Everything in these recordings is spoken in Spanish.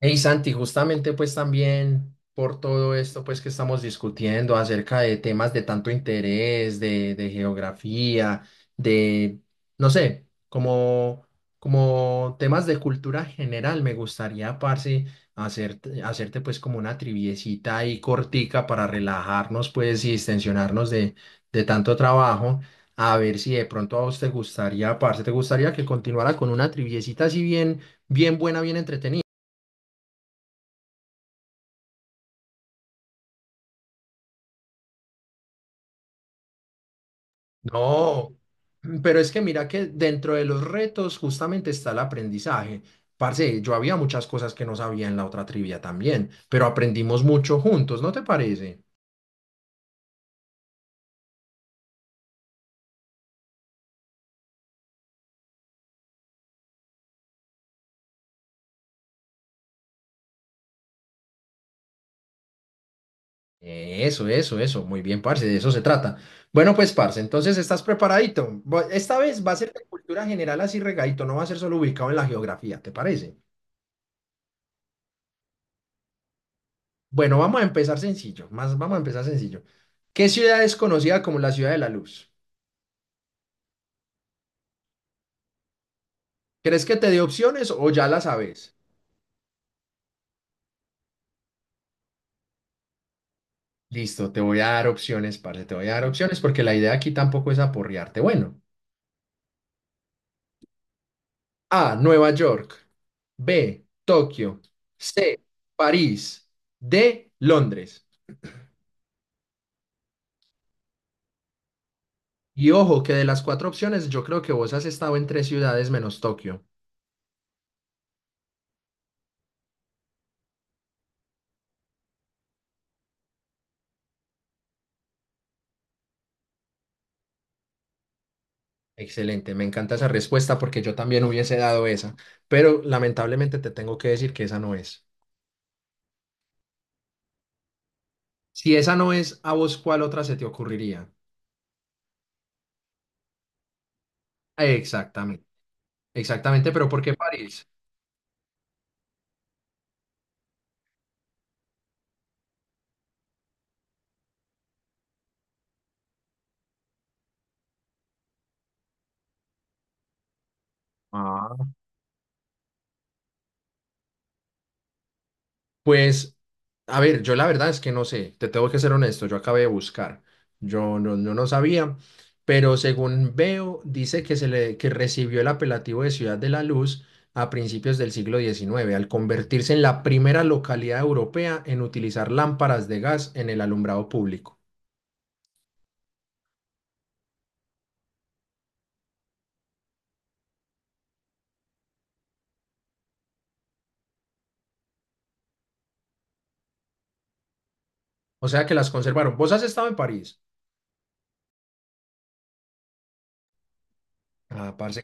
Hey Santi, justamente pues también por todo esto pues que estamos discutiendo acerca de temas de tanto interés, de geografía, de, no sé, como, como temas de cultura general, me gustaría, parce, hacerte pues como una triviecita ahí cortica para relajarnos pues y distensionarnos de tanto trabajo. A ver si de pronto a vos te gustaría, parce, te gustaría que continuara con una triviecita así bien, bien buena, bien entretenida. No, pero es que mira que dentro de los retos justamente está el aprendizaje. Parce, yo había muchas cosas que no sabía en la otra trivia también, pero aprendimos mucho juntos, ¿no te parece? Eso, eso, eso. Muy bien, parce, de eso se trata. Bueno, pues, parce, entonces estás preparadito. Esta vez va a ser de cultura general así regadito, no va a ser solo ubicado en la geografía, ¿te parece? Bueno, vamos a empezar sencillo, más vamos a empezar sencillo. ¿Qué ciudad es conocida como la ciudad de la luz? ¿Crees que te dé opciones o ya la sabes? Listo, te voy a dar opciones, parce, te voy a dar opciones porque la idea aquí tampoco es aporrearte. Bueno, A, Nueva York; B, Tokio; C, París; D, Londres. Y ojo, que de las cuatro opciones yo creo que vos has estado en tres ciudades menos Tokio. Excelente, me encanta esa respuesta porque yo también hubiese dado esa, pero lamentablemente te tengo que decir que esa no es. Si esa no es, ¿a vos cuál otra se te ocurriría? Exactamente, exactamente, pero ¿por qué París? Ah. Pues, a ver, yo la verdad es que no sé, te tengo que ser honesto, yo acabé de buscar, yo no sabía, pero según veo, dice que recibió el apelativo de Ciudad de la Luz a principios del siglo XIX, al convertirse en la primera localidad europea en utilizar lámparas de gas en el alumbrado público. O sea que las conservaron. ¿Vos has estado en París? Ah, parce.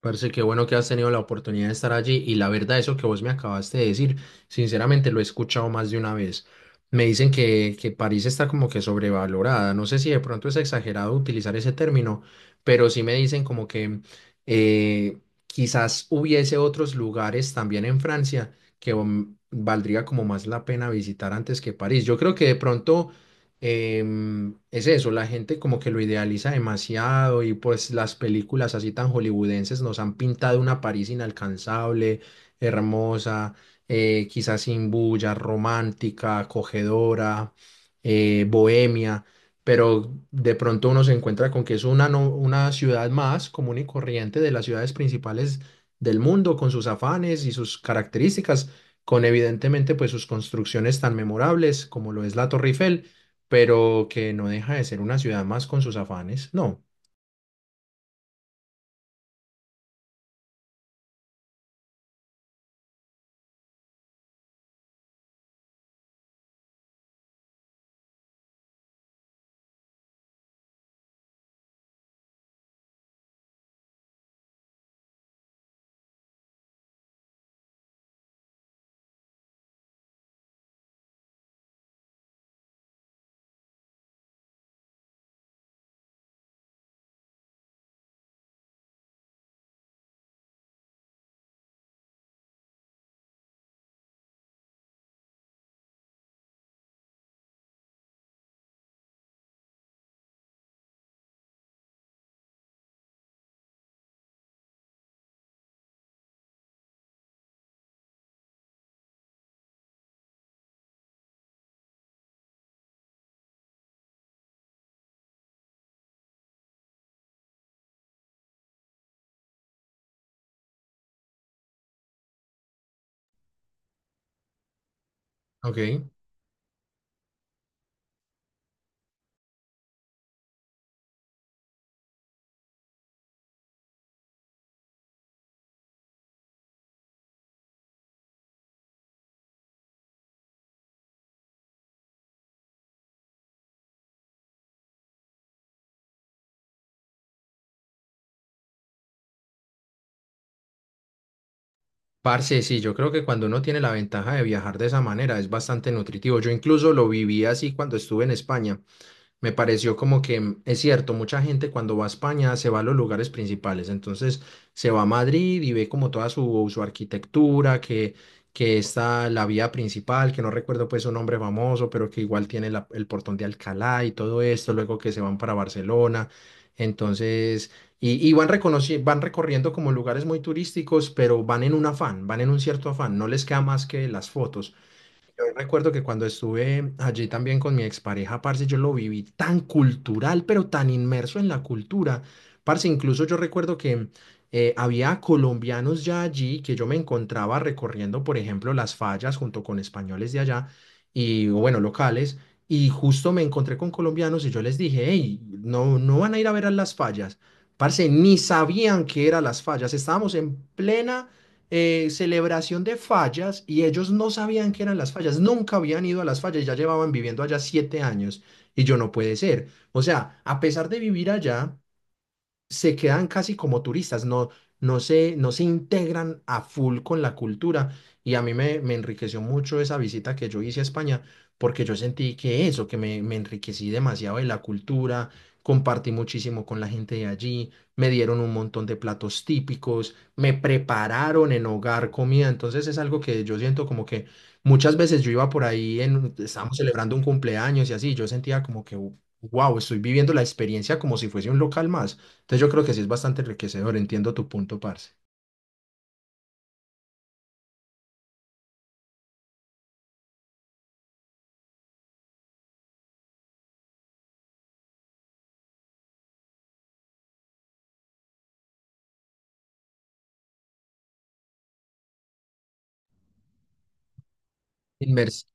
Parce, qué bueno que has tenido la oportunidad de estar allí y la verdad, eso que vos me acabaste de decir, sinceramente lo he escuchado más de una vez. Me dicen que París está como que sobrevalorada. No sé si de pronto es exagerado utilizar ese término, pero sí me dicen como que eh, quizás hubiese otros lugares también en Francia que valdría como más la pena visitar antes que París. Yo creo que de pronto es eso, la gente como que lo idealiza demasiado y pues las películas así tan hollywoodenses nos han pintado una París inalcanzable, hermosa, quizás sin bulla, romántica, acogedora, bohemia, pero de pronto uno se encuentra con que es una, una ciudad más común y corriente de las ciudades principales del mundo, con sus afanes y sus características, con evidentemente pues sus construcciones tan memorables como lo es la Torre Eiffel, pero que no deja de ser una ciudad más con sus afanes, ¿no? Ok. Parce, sí, yo creo que cuando uno tiene la ventaja de viajar de esa manera es bastante nutritivo. Yo incluso lo viví así cuando estuve en España. Me pareció como que es cierto, mucha gente cuando va a España se va a los lugares principales, entonces se va a Madrid y ve como toda su arquitectura, que está la vía principal, que no recuerdo pues su nombre famoso, pero que igual tiene el portón de Alcalá y todo esto, luego que se van para Barcelona, entonces, y van van recorriendo como lugares muy turísticos, pero van en un afán, van en un cierto afán, no les queda más que las fotos. Recuerdo que cuando estuve allí también con mi expareja, parce, yo lo viví tan cultural, pero tan inmerso en la cultura. Parce, incluso yo recuerdo que había colombianos ya allí, que yo me encontraba recorriendo, por ejemplo, las fallas junto con españoles de allá y, o bueno, locales. Y justo me encontré con colombianos y yo les dije, hey, no, no van a ir a ver a las fallas. Parce, ni sabían qué eran las fallas. Estábamos en plena celebración de fallas y ellos no sabían qué eran las fallas, nunca habían ido a las fallas, ya llevaban viviendo allá siete años y yo no puede ser. O sea, a pesar de vivir allá, se quedan casi como turistas, no, no se integran a full con la cultura. Y a mí me enriqueció mucho esa visita que yo hice a España, porque yo sentí que eso, me enriquecí demasiado de la cultura, compartí muchísimo con la gente de allí, me dieron un montón de platos típicos, me prepararon en hogar comida. Entonces es algo que yo siento como que muchas veces yo iba por ahí, en, estábamos celebrando un cumpleaños y así, yo sentía como que, wow, estoy viviendo la experiencia como si fuese un local más. Entonces yo creo que sí es bastante enriquecedor, entiendo tu punto, parce. Inmersiva.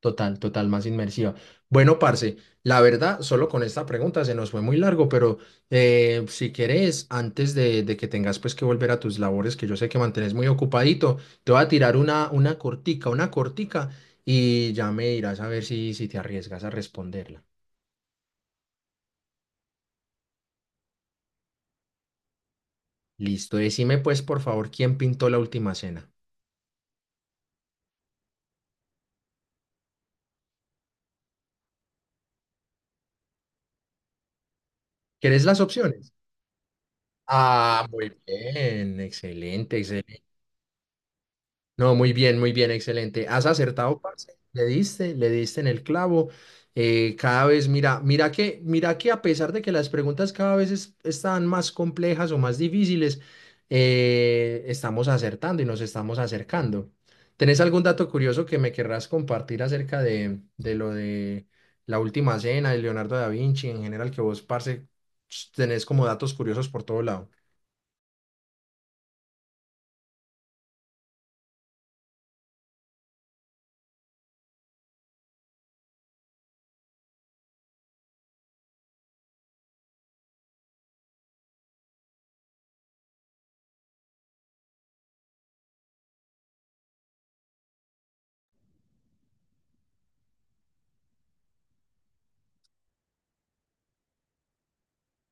Total, total, más inmersiva. Bueno, parce, la verdad, solo con esta pregunta se nos fue muy largo, pero si quieres antes de que tengas pues que volver a tus labores, que yo sé que mantenés muy ocupadito, te voy a tirar una cortica, y ya me dirás a ver si te arriesgas a responderla. Listo, decime pues por favor quién pintó la última cena. ¿Querés las opciones? Ah, muy bien, excelente, excelente. No, muy bien, excelente. Has acertado, parce. Le diste en el clavo. Cada vez, mira, mira que a pesar de que las preguntas cada vez están más complejas o más difíciles, estamos acertando y nos estamos acercando. ¿Tenés algún dato curioso que me querrás compartir acerca de lo de la última cena de Leonardo da Vinci en general que vos, parce, tenés como datos curiosos por todo lado?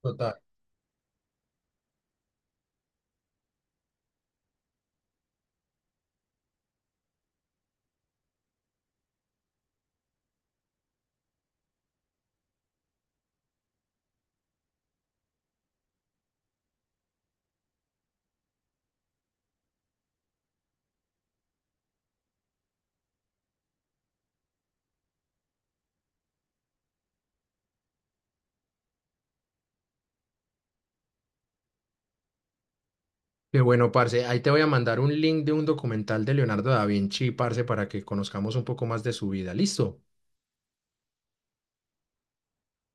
Total. Qué bueno, parce. Ahí te voy a mandar un link de un documental de Leonardo da Vinci, parce, para que conozcamos un poco más de su vida. ¿Listo?